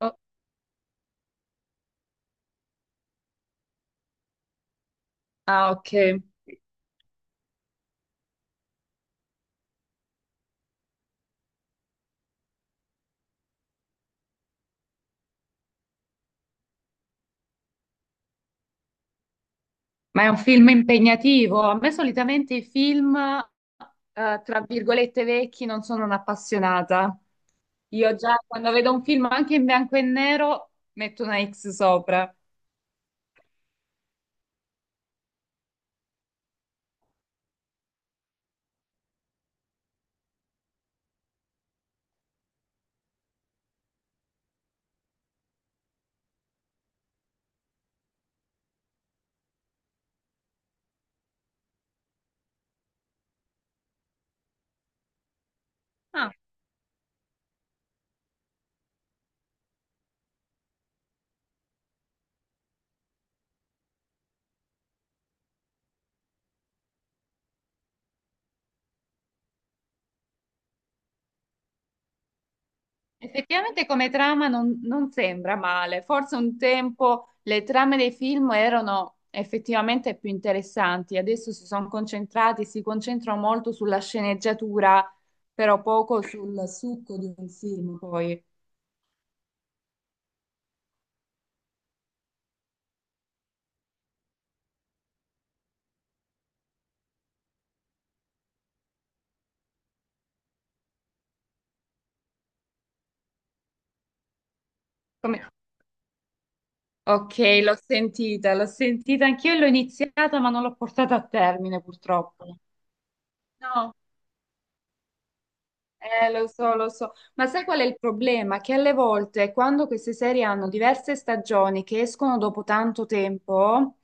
Oh, ah, ok. Ma è un film impegnativo. A me solitamente i film, tra virgolette, vecchi non sono un'appassionata. Io già quando vedo un film anche in bianco e nero metto una X sopra. Ah, effettivamente come trama non sembra male. Forse un tempo le trame dei film erano effettivamente più interessanti. Adesso si concentrano molto sulla sceneggiatura, però poco sul succo di un film poi. Come- Ok, l'ho sentita anch'io e l'ho iniziata, ma non l'ho portata a termine purtroppo. No, eh, lo so, ma sai qual è il problema? Che alle volte quando queste serie hanno diverse stagioni che escono dopo tanto tempo,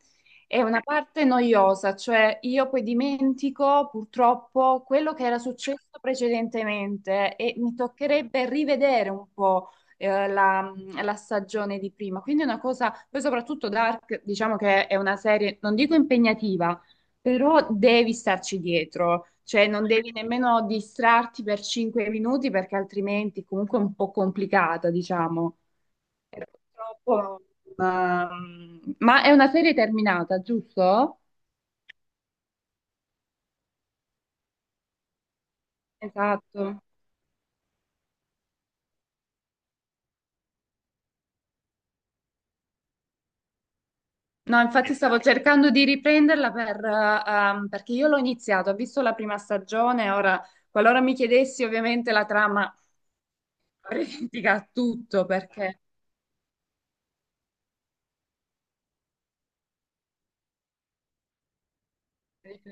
è una parte noiosa, cioè io poi dimentico purtroppo quello che era successo precedentemente e mi toccherebbe rivedere un po' eh, la, la stagione di prima. Quindi è una cosa, poi soprattutto Dark, diciamo che è una serie, non dico impegnativa, però devi starci dietro, cioè non devi nemmeno distrarti per cinque minuti perché altrimenti comunque è un po' complicata, diciamo. E purtroppo, ma è una serie terminata, giusto? Esatto. No, infatti stavo cercando di riprenderla per, perché io l'ho iniziato, ho visto la prima stagione, ora qualora mi chiedessi ovviamente la trama avrei dimenticato tutto perché ci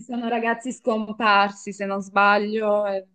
sono ragazzi scomparsi, se non sbaglio.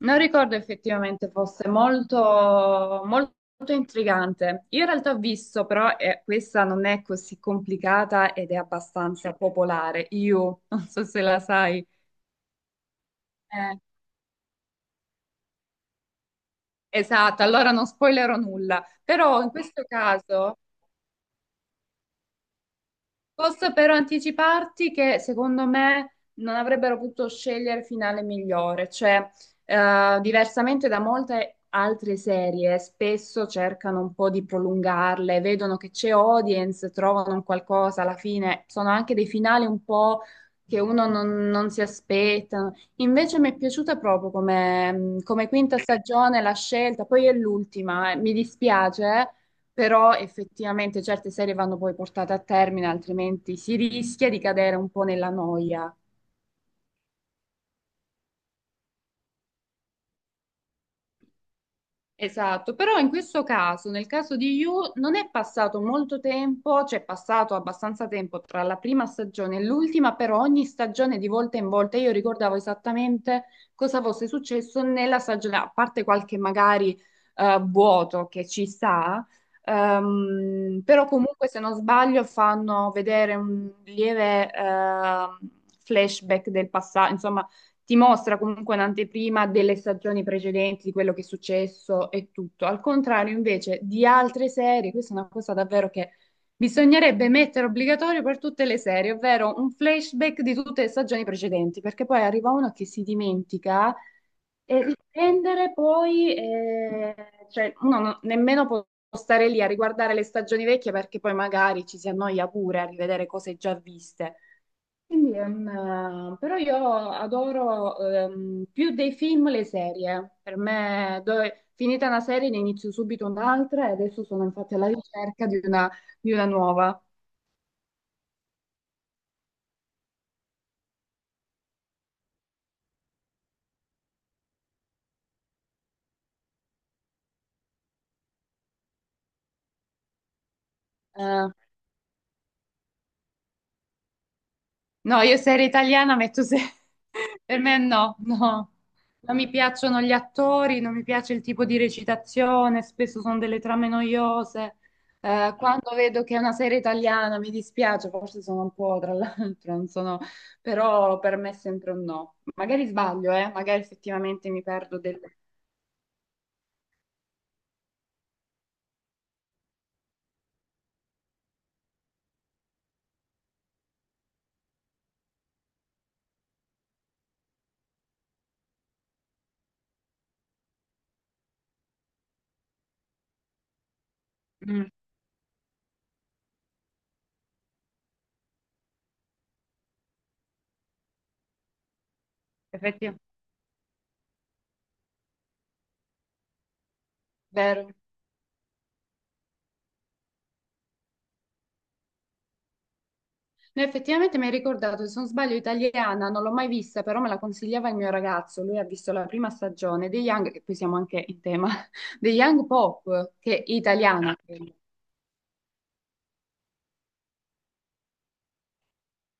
Non ricordo effettivamente fosse molto intrigante. Io in realtà ho visto, però questa non è così complicata ed è abbastanza popolare. Io, non so se la sai. Eh, esatto, allora non spoilerò nulla. Però in questo caso, posso però anticiparti che secondo me non avrebbero potuto scegliere finale migliore, cioè diversamente da molte altre serie, spesso cercano un po' di prolungarle, vedono che c'è audience, trovano un qualcosa alla fine, sono anche dei finali un po' che uno non si aspetta. Invece mi è piaciuta proprio come quinta stagione la scelta, poi è l'ultima, mi dispiace, però effettivamente certe serie vanno poi portate a termine, altrimenti si rischia di cadere un po' nella noia. Esatto, però in questo caso, nel caso di You, non è passato molto tempo, cioè è passato abbastanza tempo tra la prima stagione e l'ultima, però ogni stagione di volta in volta io ricordavo esattamente cosa fosse successo nella stagione, a parte qualche magari vuoto che ci sta, però comunque se non sbaglio fanno vedere un lieve flashback del passato, ti mostra comunque un'anteprima delle stagioni precedenti, di quello che è successo e tutto. Al contrario, invece, di altre serie, questa è una cosa davvero che bisognerebbe mettere obbligatorio per tutte le serie, ovvero un flashback di tutte le stagioni precedenti, perché poi arriva uno che si dimentica e riprendere poi, cioè, uno non- nemmeno può stare lì a riguardare le stagioni vecchie perché poi magari ci si annoia pure a rivedere cose già viste. Quindi, però io adoro più dei film le serie. Per me, finita una serie, ne inizio subito un'altra e adesso sono infatti alla ricerca di una nuova. Eh, No, io serie italiana metto se... Per me no, no. Non mi piacciono gli attori, non mi piace il tipo di recitazione, spesso sono delle trame noiose. Quando vedo che è una serie italiana mi dispiace, forse sono un po', tra l'altro, non sono... Però per me è sempre un no. Magari sbaglio, eh? Magari effettivamente mi perdo del... Mm, effettivamente, vero. No, effettivamente mi hai ricordato, se non sbaglio, italiana, non l'ho mai vista, però me la consigliava il mio ragazzo. Lui ha visto la prima stagione dei Young, che qui siamo anche in tema, dei Young Pop, che è italiana. Ah, credo.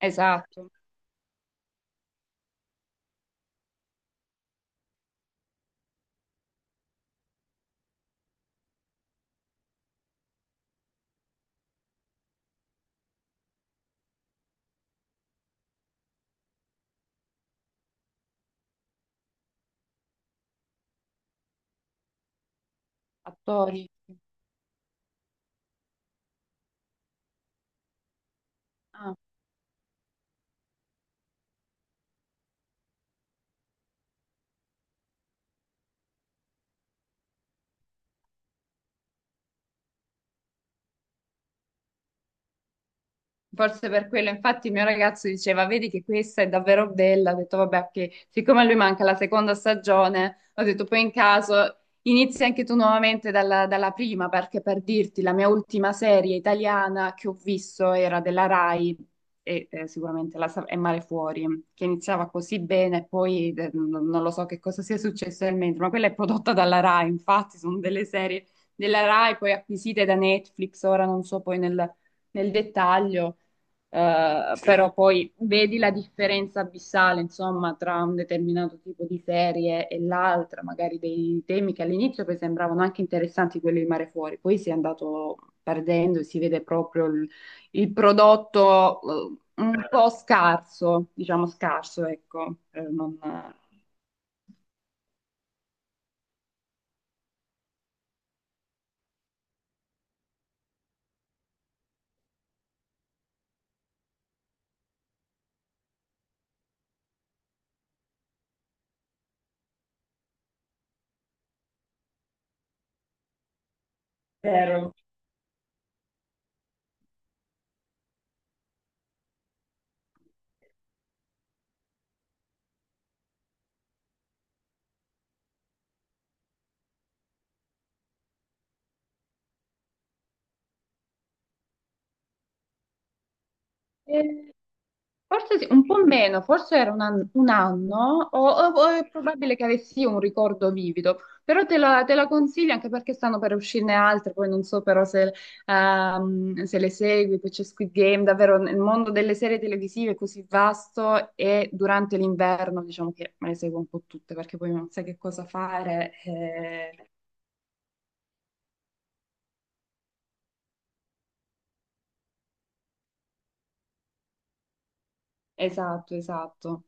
Esatto, attori. Ah. Forse per quello, infatti, il mio ragazzo diceva: vedi che questa è davvero bella. Ho detto: vabbè, che siccome a lui manca la seconda stagione, ho detto: poi in caso inizi anche tu nuovamente dalla prima, perché per dirti, la mia ultima serie italiana che ho visto era della Rai e è Mare Fuori, che iniziava così bene, poi non lo so che cosa sia successo nel mentre, ma quella è prodotta dalla Rai. Infatti, sono delle serie della Rai poi acquisite da Netflix. Ora non so poi nel dettaglio. Sì. Però poi vedi la differenza abissale, insomma, tra un determinato tipo di serie e l'altra, magari dei temi che all'inizio poi sembravano anche interessanti, quelli di Mare Fuori, poi si è andato perdendo e si vede proprio il prodotto un po' scarso, diciamo scarso, ecco, non... Vero. E forse sì, un po' meno, forse era un anno, o è probabile che avessi un ricordo vivido, però te la consiglio anche perché stanno per uscirne altre, poi non so però se, se le segui, poi c'è Squid Game, davvero nel mondo delle serie televisive è così vasto e durante l'inverno diciamo che me le seguo un po' tutte perché poi non sai che cosa fare. Eh, esatto, esatto.